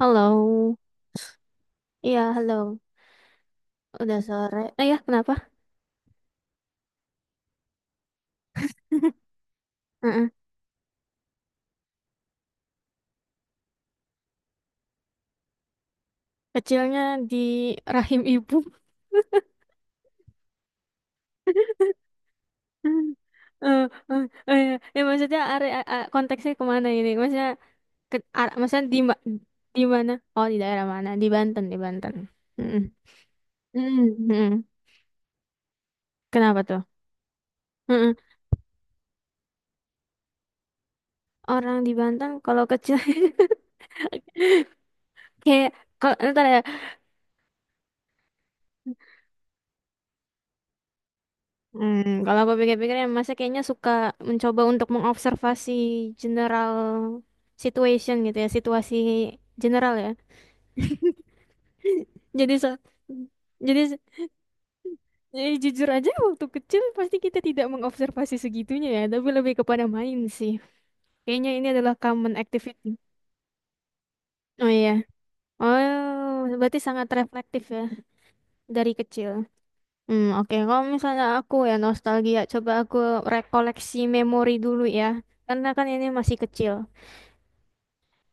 Halo, iya halo. Udah sore. Eh, ya, kenapa? Heeh. Kecilnya di rahim ibu. Eh, eh, Ya, maksudnya konteksnya kemana ini? Maksudnya maksudnya di mana? Oh, di daerah mana? Di Banten, di Banten. Mm-mm. mm Kenapa tuh? mm Orang di Banten kalau kecil, kayak kalau ntar ya. Hmm, kalau aku pikir-pikir ya masa kayaknya suka mencoba untuk mengobservasi general situation gitu ya, situasi general ya. Jadi so, jadi jadi jujur aja waktu kecil pasti kita tidak mengobservasi segitunya ya, tapi lebih kepada main sih. Kayaknya ini adalah common activity. Oh, iya. Oh, berarti sangat reflektif ya dari kecil. Hmm, oke. Kalau misalnya aku ya nostalgia, coba aku rekoleksi memori dulu ya. Karena kan ini masih kecil.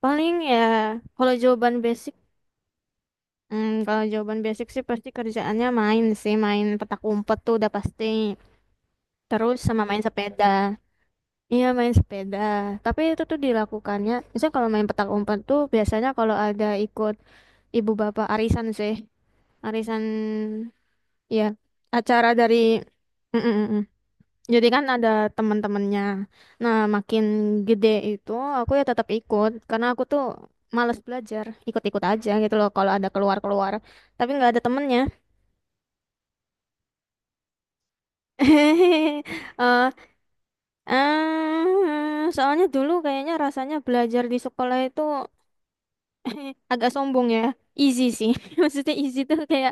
Paling ya kalau jawaban basic, kalau jawaban basic sih pasti kerjaannya main sih, main petak umpet tuh udah pasti. Terus sama main sepeda. Iya, main sepeda. Tapi itu tuh dilakukannya, misalnya kalau main petak umpet tuh biasanya kalau ada ikut ibu bapak arisan sih, arisan, ya, acara dari. Mm, mm, mm, mm. Jadi kan ada teman-temannya. Nah, makin gede itu aku ya tetap ikut karena aku tuh males belajar, ikut-ikut aja gitu loh kalau ada keluar-keluar. Tapi nggak ada temennya. Eh, soalnya dulu kayaknya rasanya belajar di sekolah itu agak sombong ya. Easy sih. Maksudnya easy tuh kayak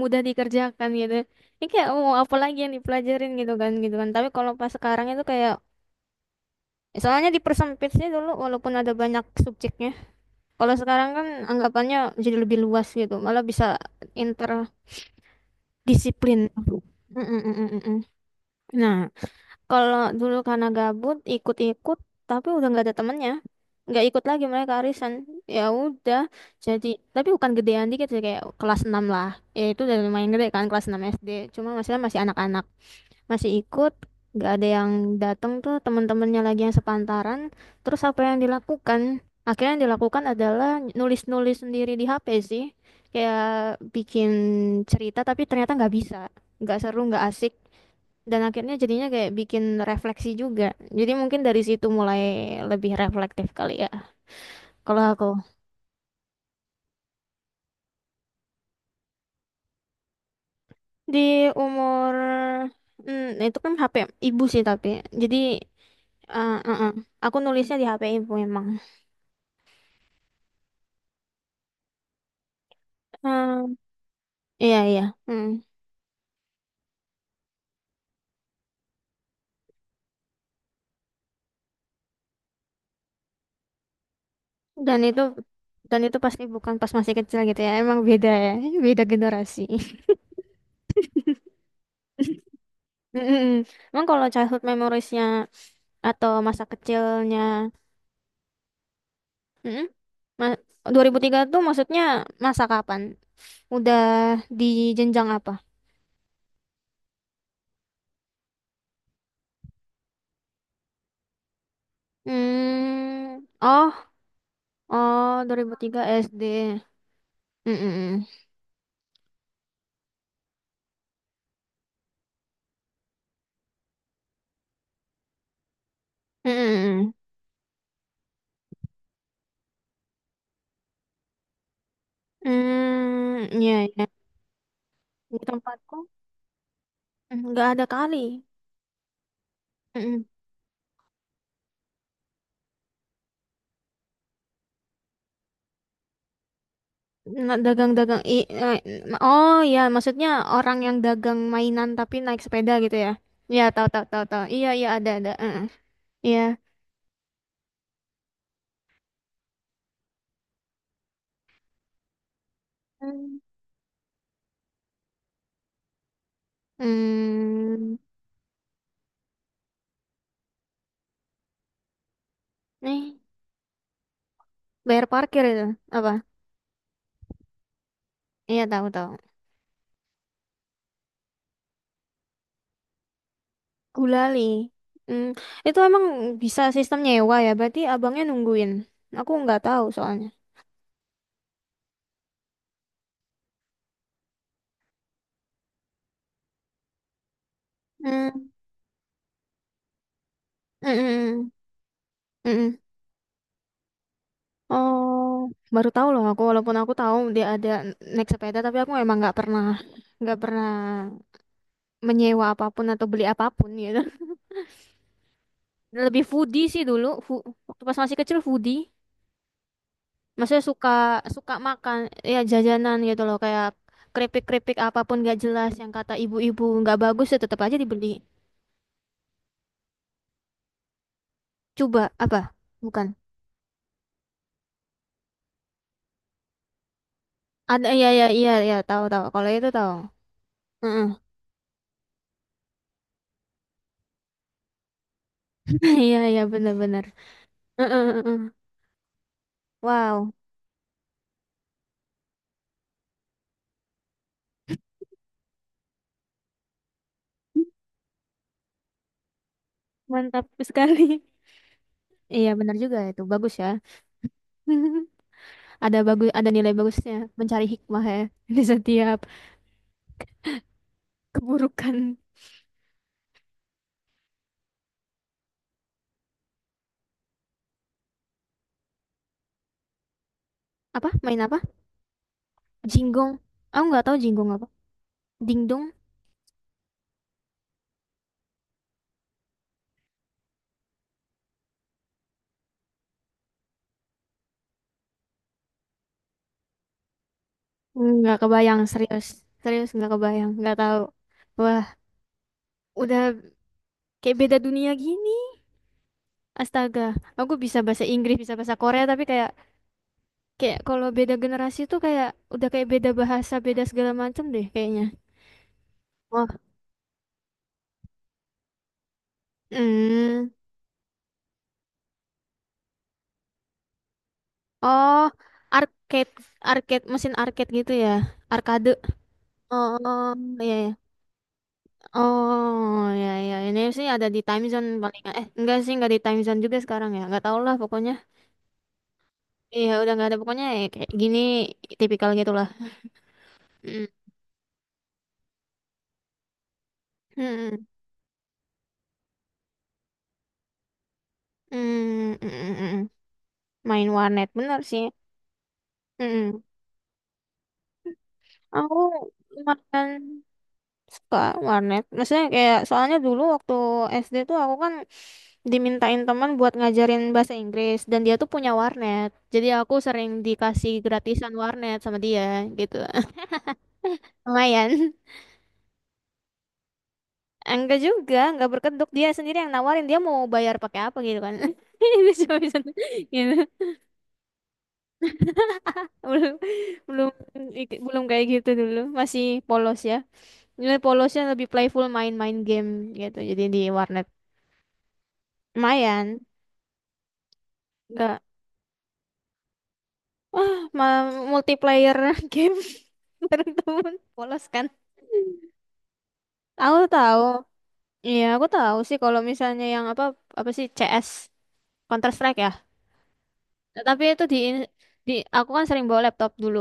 mudah dikerjakan gitu. Ini kayak oh, apa lagi yang dipelajarin gitu kan gitu kan. Tapi kalau pas sekarang itu kayak. Soalnya dipersempit sih dulu walaupun ada banyak subjeknya. Kalau sekarang kan anggapannya jadi lebih luas gitu, malah bisa interdisiplin. Mm, mm, mm, mm, mm. Nah, kalau dulu karena gabut ikut-ikut, tapi udah nggak ada temennya, nggak ikut lagi mereka arisan. Ya udah, jadi, tapi bukan gedean dikit sih kayak kelas 6 lah. Ya itu udah lumayan gede kan kelas 6 SD. Cuma masalah masih anak-anak, masih ikut, nggak ada yang datang tuh teman-temannya lagi yang sepantaran. Terus apa yang dilakukan, akhirnya yang dilakukan adalah nulis-nulis sendiri di HP sih, kayak bikin cerita, tapi ternyata nggak bisa, nggak seru, nggak asik. Dan akhirnya jadinya kayak bikin refleksi juga, jadi mungkin dari situ mulai lebih reflektif kali ya kalau aku. Di umur, itu kan HP ibu sih, tapi jadi eh, eh, eh. aku nulisnya di HP ibu memang. Iya, iya. Mm. Dan itu dan itu pasti bukan pas masih kecil gitu ya. Emang beda ya, beda generasi. Mm-mm. Emang kalau childhood memoriesnya atau masa kecilnya, mm-mm. Ma- 2003 tuh maksudnya masa kapan? Udah di jenjang apa? Oh, oh, 2003 SD. Mm-mm. Mm-mm. Hmm, hmm, iya, iya. Di tempatku, nggak ada kali. Nah, dagang-dagang, oh ya, maksudnya orang yang dagang mainan tapi naik sepeda gitu ya, ya, tahu, tahu, tahu, tahu, iya, iya, ada, ada. Heeh. Iya. Hmm. hmm Nih, bayar parkir itu apa? Iya, tahu, tahu. Gulali. hmm itu emang bisa sistem nyewa ya, berarti abangnya nungguin, aku nggak tahu soalnya. Hmm, hmm, hmm, hmm, hmm. Oh, baru tahu loh aku, walaupun aku tahu dia ada naik sepeda, tapi aku emang nggak pernah, nggak pernah menyewa apapun atau beli apapun gitu. Lebih foodie sih dulu, waktu pas masih kecil foodie. Maksudnya suka, suka makan, ya jajanan gitu loh kayak keripik-keripik apapun gak jelas yang kata ibu-ibu nggak bagus ya tetap aja dibeli. Coba apa? Bukan. Ada, iya, iya, iya, iya, tahu, tahu. Kalau itu tahu. Heeh. Iya, iya, benar-benar. Heeh, heeh, heeh. Wow, mantap sekali. Iya, benar juga, itu bagus ya. Ada bagus, ada nilai bagusnya, mencari hikmah ya di setiap keburukan. Apa? Main apa? Jinggong, aku nggak tahu jinggong apa. Dingdong. Nggak kebayang, serius, serius nggak kebayang, nggak tahu. Wah, udah kayak beda dunia gini, astaga. Aku bisa bahasa Inggris, bisa bahasa Korea, tapi kayak kayak kalau beda generasi tuh kayak udah kayak beda bahasa, beda segala macam deh kayaknya. Wah. hmm oh, arcade, arcade, mesin arcade gitu ya, arcade. Oh, iya, iya. Oh ya, ya, ini sih ada di Time Zone paling, eh, enggak sih, enggak di Time Zone juga sekarang ya, nggak tahu lah pokoknya. Iya udah nggak ada pokoknya, ya kayak gini, tipikal gitulah, mm. Mm, mm, mm, mm, mm, mm. Main warnet, bener sih. Mm, mm. Aku lumayan suka warnet, maksudnya kayak soalnya dulu waktu SD tuh aku kan dimintain teman buat ngajarin bahasa Inggris dan dia tuh punya warnet, jadi aku sering dikasih gratisan warnet sama dia gitu. Lumayan. Enggak juga, enggak berkedok, dia sendiri yang nawarin, dia mau bayar pakai apa gitu kan. Dia cuma bisa gitu. Belum belum ik- belum kayak gitu, dulu masih polos ya, ini polosnya lebih playful, main-main game gitu, jadi di warnet lumayan. Enggak, wah, multiplayer game bareng temen polos kan. Aku tahu. Iya, aku tahu sih kalau misalnya yang apa, apa sih, CS, Counter Strike ya. Tapi itu di aku kan sering bawa laptop dulu.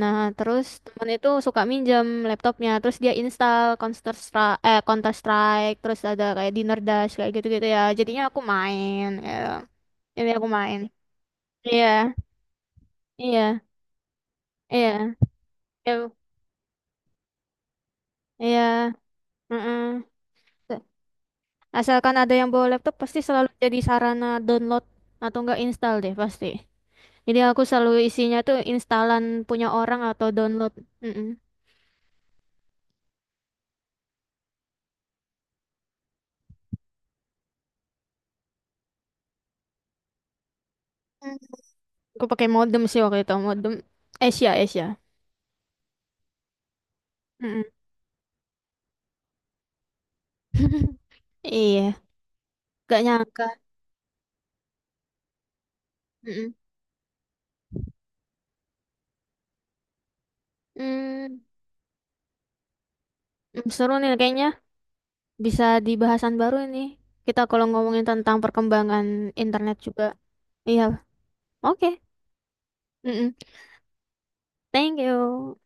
Nah, terus temen itu suka minjem laptopnya, terus dia install Counter Strike, terus ada kayak Dinner Dash kayak gitu-gitu ya. Jadinya aku main, gitu. Jadi aku main. Iya, iya, iya, iya, iya. Mm-mm. Asalkan ada yang bawa laptop, pasti selalu jadi sarana download atau enggak install deh pasti. Jadi aku selalu isinya tuh instalan punya orang atau download. Mm-mm. Aku pakai modem sih waktu itu, modem Asia, Asia. Mm-mm. Iya, gak nyangka. Mm-mm. Mm, Seru nih kayaknya. Bisa di bahasan baru ini. Kita kalau ngomongin tentang perkembangan internet juga. Iya, oke. Mm-mm. Thank you.